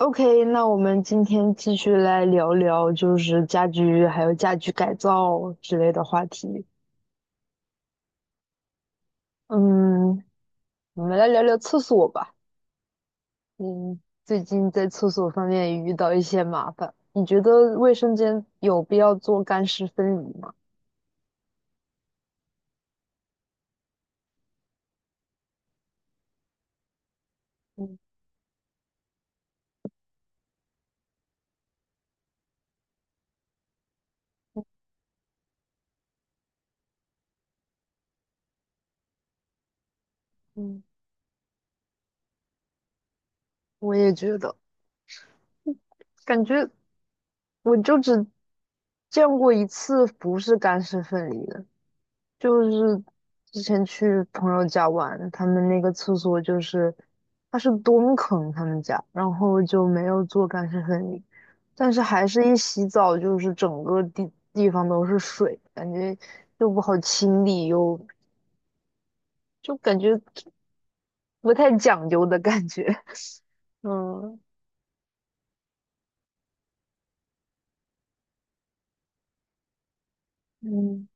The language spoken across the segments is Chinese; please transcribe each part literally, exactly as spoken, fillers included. OK,那我们今天继续来聊聊，就是家居还有家居改造之类的话题。嗯，我们来聊聊厕所吧。嗯，最近在厕所方面也遇到一些麻烦，你觉得卫生间有必要做干湿分离吗？嗯嗯，我也觉得，感觉我就只见过一次不是干湿分离的，就是之前去朋友家玩，他们那个厕所就是，它是蹲坑，他们家，然后就没有做干湿分离，但是还是一洗澡就是整个地地方都是水，感觉又不好清理，又就感觉不太讲究的感觉。嗯嗯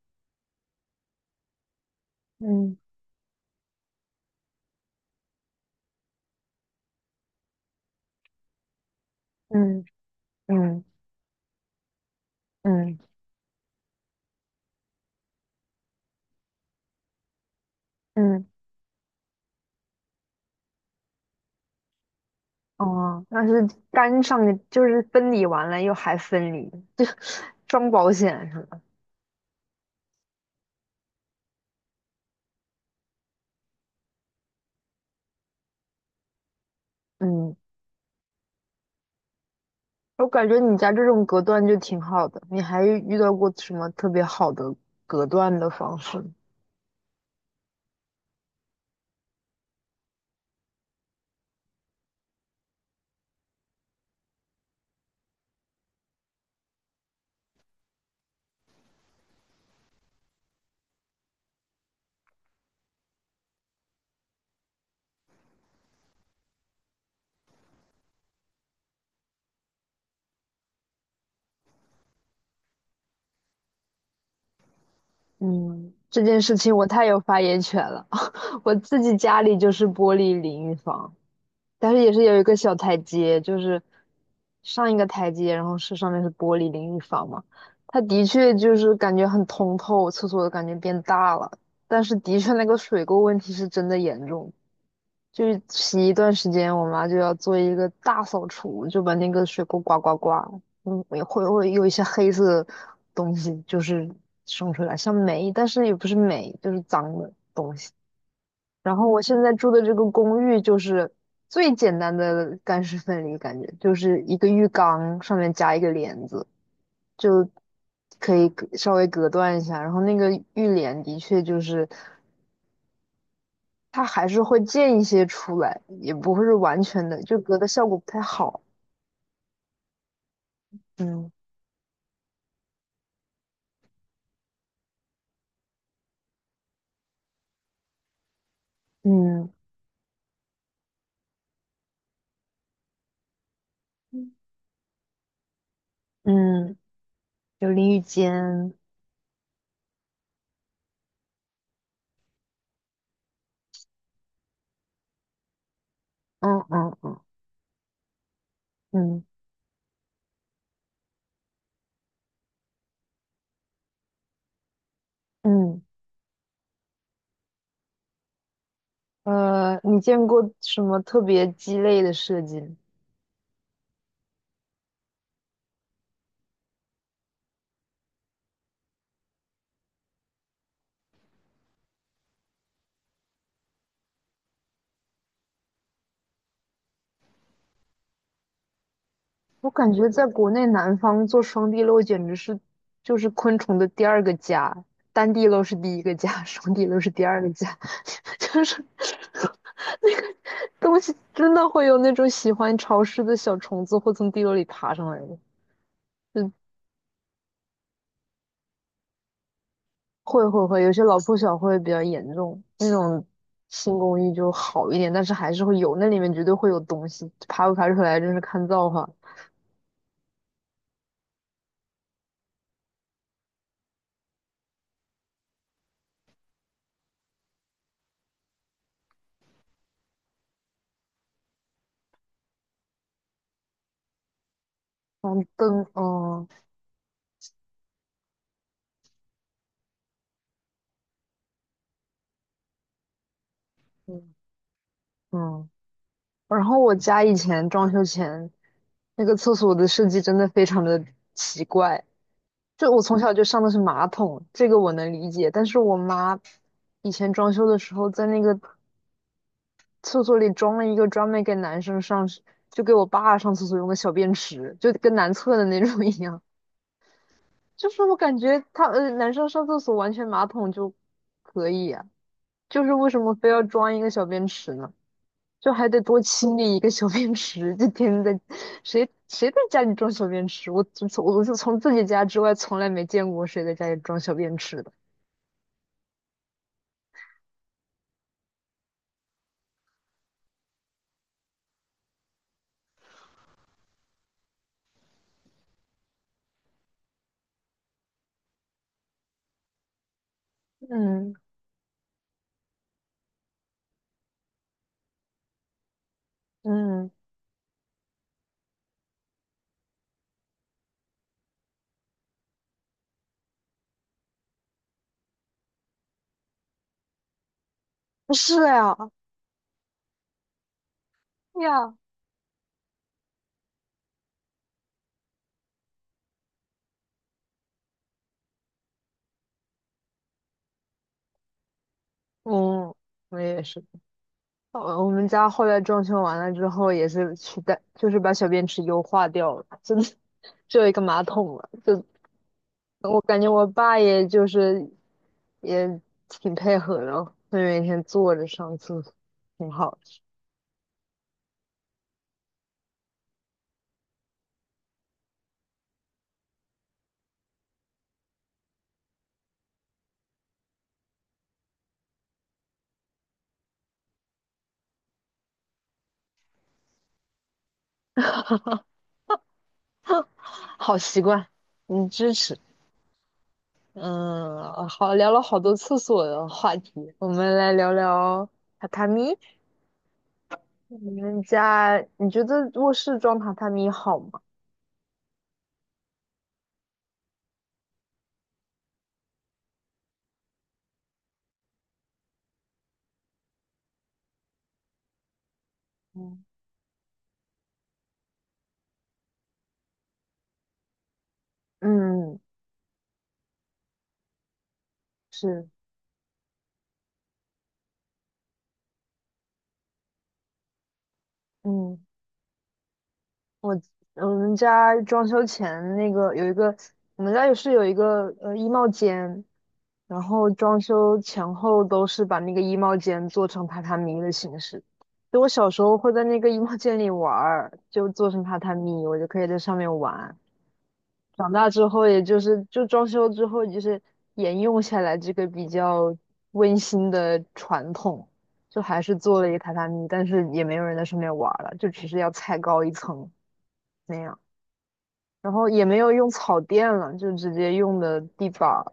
嗯嗯嗯嗯嗯，哦，但是干上就是分离完了又还分离，就装保险是吧？嗯。我感觉你家这种隔断就挺好的，你还遇到过什么特别好的隔断的方式吗？嗯，这件事情我太有发言权了。我自己家里就是玻璃淋浴房，但是也是有一个小台阶，就是上一个台阶，然后是上面是玻璃淋浴房嘛。它的确就是感觉很通透，厕所的感觉变大了，但是的确那个水垢问题是真的严重。就是洗一段时间，我妈就要做一个大扫除，就把那个水沟刮刮刮，嗯，也会会有一些黑色东西，就是生出来，像霉，但是也不是霉，就是脏的。然后我现在住的这个公寓就是最简单的干湿分离，感觉就是一个浴缸上面加一个帘子，就可以隔稍微隔断一下。然后那个浴帘的确就是。它还是会溅一些出来，也不会是完全的，就隔的效果不太好。嗯嗯嗯，有淋浴间，嗯嗯嗯嗯嗯，呃，你见过什么特别鸡肋的设计吗？我感觉在国内南方做双地漏简直是就是昆虫的第二个家，单地漏是第一个家，双地漏是第二个家。就是那个东西真的会有那种喜欢潮湿的小虫子，会从地沟里爬上来的。嗯，会会会，有些老破小会比较严重，那种新公寓就好一点，但是还是会有，那里面绝对会有东西，爬不爬出来真是看造化。黄灯，嗯嗯嗯。然后我家以前装修前那个厕所的设计真的非常的奇怪，就我从小就上的是马桶，这个我能理解。但是我妈以前装修的时候，在那个厕所里装了一个专门给男生上，就给我爸上厕所用的小便池，就跟男厕的那种一样。就是我感觉他呃，男生上厕所完全马桶就可以啊，就是为什么非要装一个小便池呢？就还得多清理一个小便池，就天天在谁谁在家里装小便池？我从我就从自己家之外从来没见过谁在家里装小便池的。嗯，嗯，是呀，对呀，嗯，我也是。我我们家后来装修完了之后，也是取代，就是把小便池优化掉了，真的 只有一个马桶了。就我感觉我爸也就是也挺配合的哦，会每天坐着上厕所，挺好的，好习惯，嗯，支持。嗯，好，聊了好多厕所的话题，我们来聊聊榻榻米。你们家，你觉得卧室装榻榻米好吗？嗯嗯，是，嗯，我我们家装修前那个有一个，我们家也是有一个呃衣帽间，然后装修前后都是把那个衣帽间做成榻榻米的形式。就我小时候会在那个衣帽间里玩儿，就做成榻榻米，我就可以在上面玩。长大之后，也就是就装修之后，就是沿用下来这个比较温馨的传统，就还是做了一个榻榻米，但是也没有人在上面玩儿了，就只是要踩高一层那样，然后也没有用草垫了，就直接用的地板儿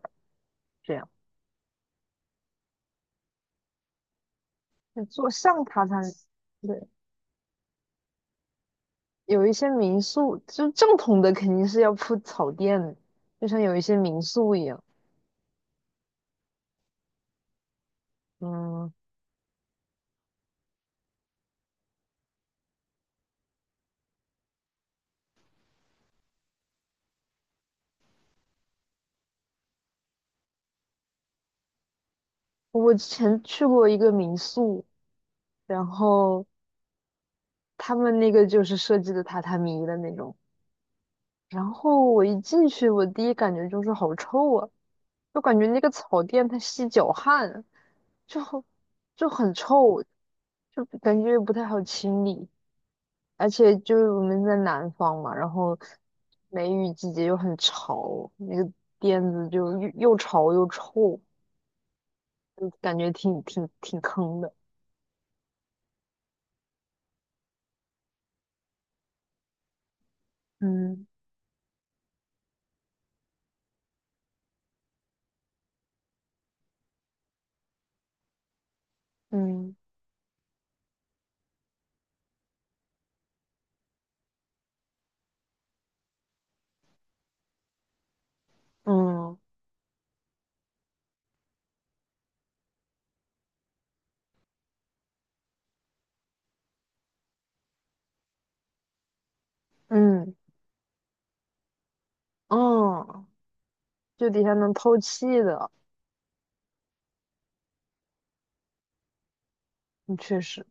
这样，就做上榻榻米。对，有一些民宿就正统的肯定是要铺草垫的，就像有一些民宿一样。嗯，我之前去过一个民宿，然后。他们那个就是设计的榻榻米的那种。然后我一进去，我第一感觉就是好臭啊，就感觉那个草垫它吸脚汗，就好就很臭，就感觉不太好清理。而且就是我们在南方嘛，然后梅雨季节又很潮，那个垫子就又又潮又臭，就感觉挺挺挺坑的。嗯嗯嗯嗯嗯，就底下能透气的，嗯确实。